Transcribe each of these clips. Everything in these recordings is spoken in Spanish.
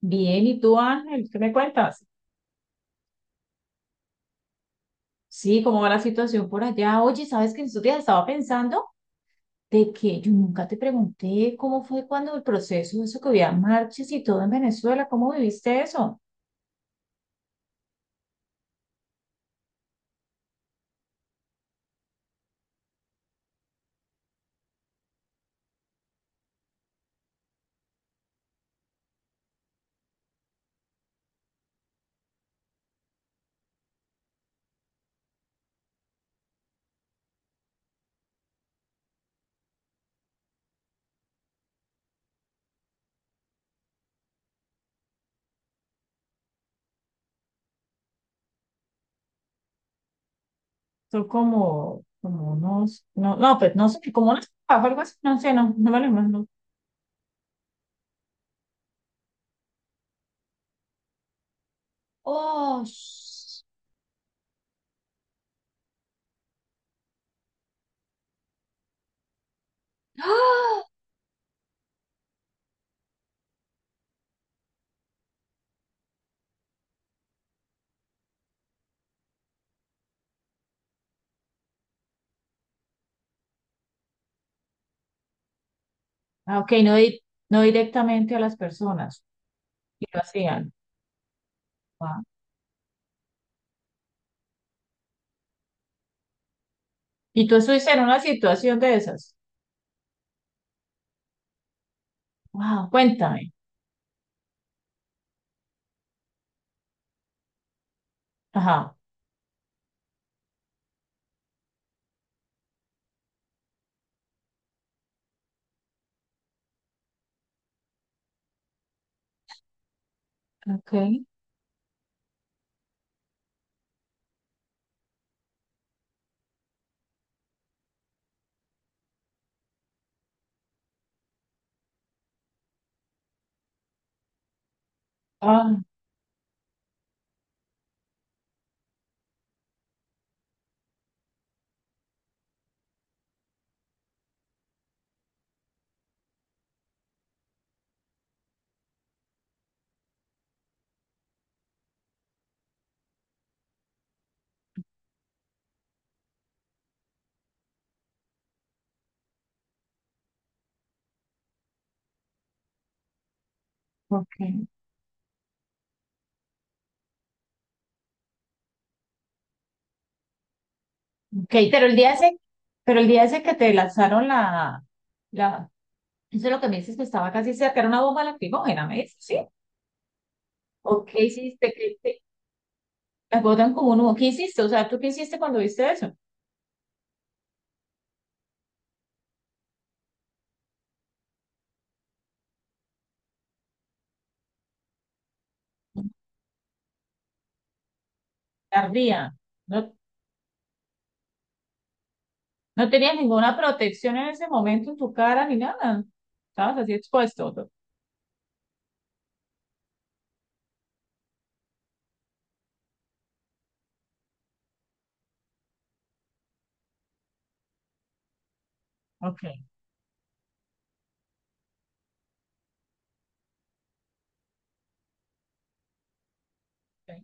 Bien, ¿y tú, Ángel? ¿Qué me cuentas? Sí, ¿cómo va la situación por allá? Oye, ¿sabes que en estos días estaba pensando de que yo nunca te pregunté cómo fue cuando el proceso, eso que había marchas y todo en Venezuela? ¿Cómo viviste eso? Son como, como unos, pues no sé, como unas papas, algo así, no sé, no me lo imagino. Oh, sh- ¡Ah! Ah, ok, no directamente a las personas, y lo hacían. Wow. ¿Y tú estuviste en una situación de esas? Wow, cuéntame. Ajá. Okay. Ah, okay. Okay, pero el día ese que te lanzaron la, eso es lo que me dices que estaba casi cerca, era una bomba lacrimógena, ¿me dices? Sí. ¿O qué hiciste? ¿Las botan como un humo? ¿Qué hiciste? O sea, ¿tú qué hiciste cuando viste eso? Tardía. No, no tenías ninguna protección en ese momento en tu cara ni nada. Estabas así expuesto. Okay. Okay.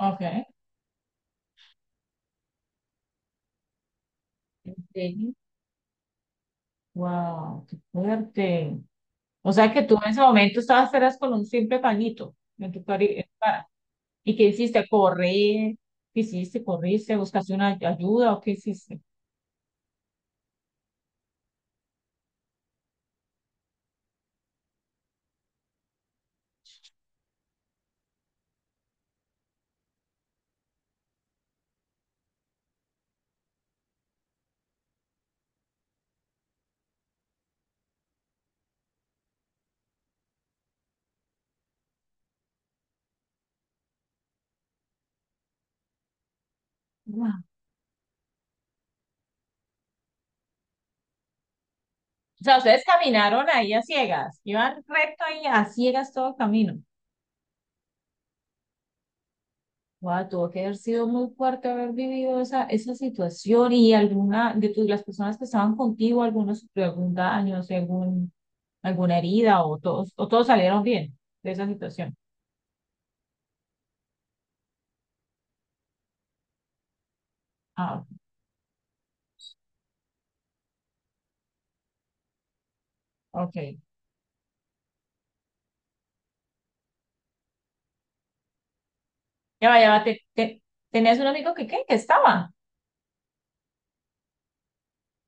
Okay. Wow, qué fuerte. O sea que tú en ese momento estabas eras con un simple pañito en en tu cara. ¿Y qué hiciste? ¿Correr? ¿Qué hiciste? ¿Corriste? ¿Buscaste una ayuda o qué hiciste? Wow. O sea, ustedes caminaron ahí a ciegas, iban recto ahí a ciegas todo el camino. Wow, tuvo que haber sido muy fuerte haber vivido esa situación, y alguna de tus, las personas que estaban contigo, algunos sufrió algún daño, o sea, algún, alguna herida, o todos salieron bien de esa situación. Ah, ok. Ya va, ya va, te- te- tenías un amigo que, ¿qué? Que estaba,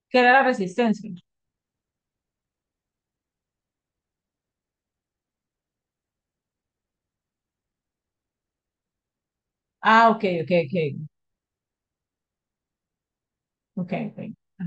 que era la resistencia. Ah, ok. Ajá.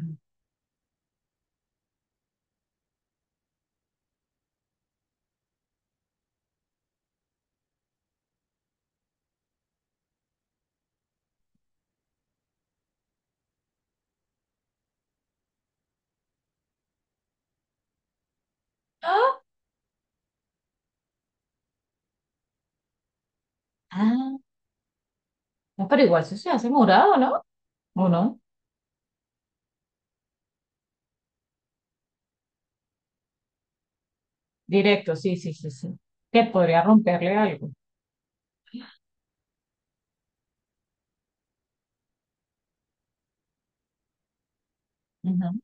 Ah, ah, no, pero igual eso se hace morado, ¿no? ¿O no? Directo, sí, sí, sí, sí. Que podría romperle algo. Ujú.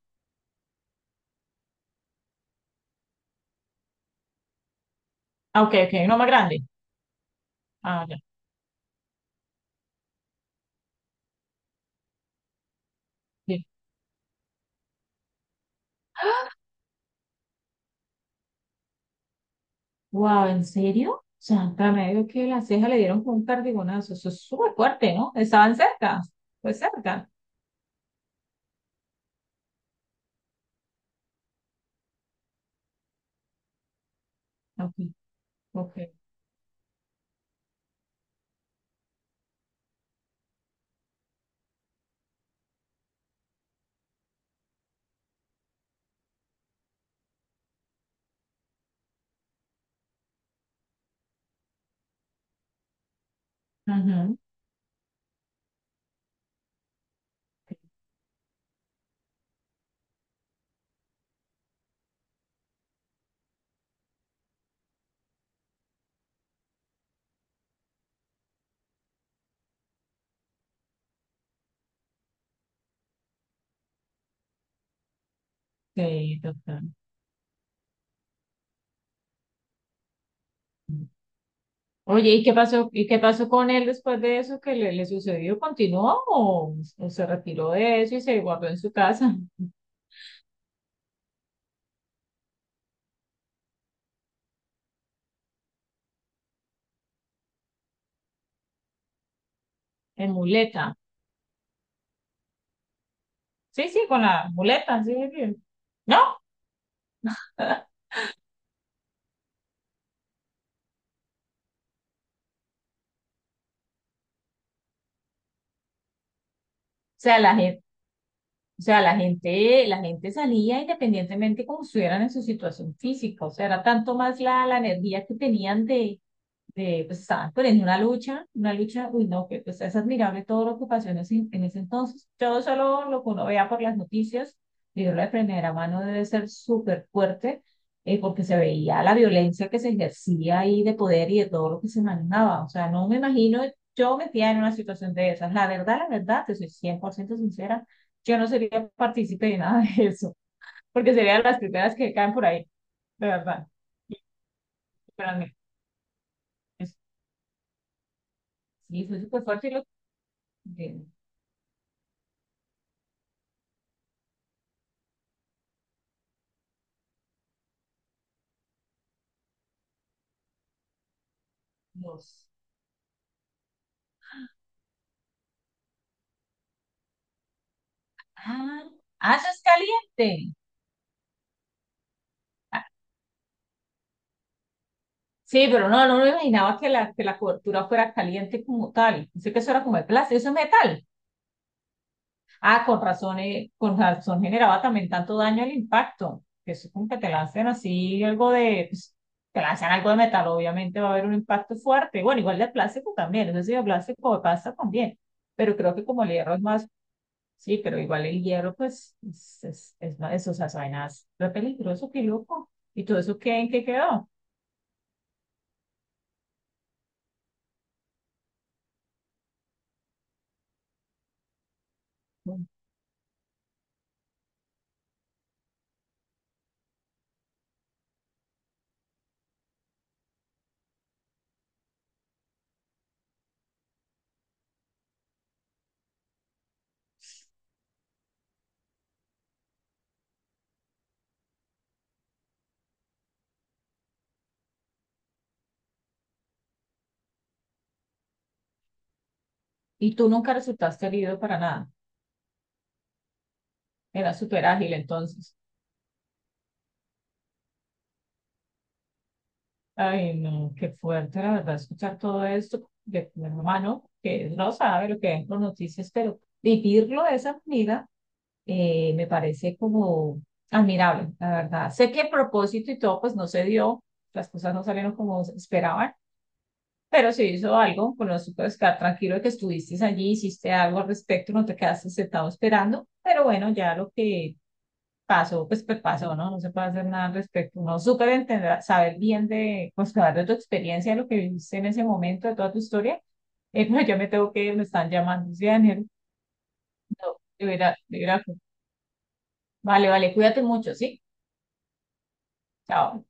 Ah, ok, ok, uno más grande. Ah, ya. Sí. Wow, ¿en serio? Santa medio que la ceja le dieron con un cardigonazo. Eso es súper fuerte, ¿no? Estaban cerca, pues cerca. Ok, ok. Ujú. Sí, doctor. Oye, ¿y qué pasó? ¿Y qué pasó con él después de eso que le sucedió? ¿Continuó o se retiró de eso y se guardó en su casa en muleta? Sí, sí, con la muleta, sí, sí. ¿No? O sea, la gente, la gente salía independientemente como estuvieran en su situación física. O sea, era tanto más la energía que tenían de pues, estaban poniendo una lucha, uy, no, que pues es admirable todo lo que en en ese entonces. Yo solo lo que uno vea por las noticias, vivirlo de primera mano debe ser súper fuerte, porque se veía la violencia que se ejercía ahí de poder y de todo lo que se manejaba. O sea, no me imagino yo metía en una situación de esas. La verdad, te soy 100% sincera, yo no sería partícipe de nada de eso, porque serían las primeras que caen por ahí, de verdad. Pero a mí, es- sí, fue súper fuerte y de- Los- ah, ah, eso es caliente. Ah, sí, pero no, no me imaginaba que que la cobertura fuera caliente como tal. Pensé que eso era como de plástico, eso es metal. Ah, con razón generaba también tanto daño el impacto. Que eso como que te lanzan así algo de, pues, te lanzan algo de metal, obviamente va a haber un impacto fuerte. Bueno, igual de plástico también, eso sí, de plástico pasa también. Pero creo que como el hierro es más. Sí, pero igual el hierro, pues, es una de esas vainas re peligroso, qué loco. ¿Y todo eso qué, en qué quedó? ¿Y tú nunca resultaste herido para nada? Era súper ágil entonces. Ay, no, qué fuerte, la verdad, escuchar todo esto de mi hermano, que no sabe lo que ven por noticias, pero vivirlo de esa manera, me parece como admirable, la verdad. Sé que el propósito y todo, pues, no se dio, las cosas no salieron como esperaban. Pero se hizo algo, con eso puedes quedar tranquilo de que estuviste allí, hiciste algo al respecto, no te quedaste sentado esperando, pero bueno, ya lo que pasó, pues, pasó, ¿no? No se puede hacer nada al respecto. Uno súper entenderá, saber bien de, pues, saber de tu experiencia, de lo que viviste en ese momento, de toda tu historia. No, yo me tengo que ir, me están llamando, sí, Daniel. No, de verdad, de verdad. Vale, vale, cuídate mucho, ¿sí? Chao.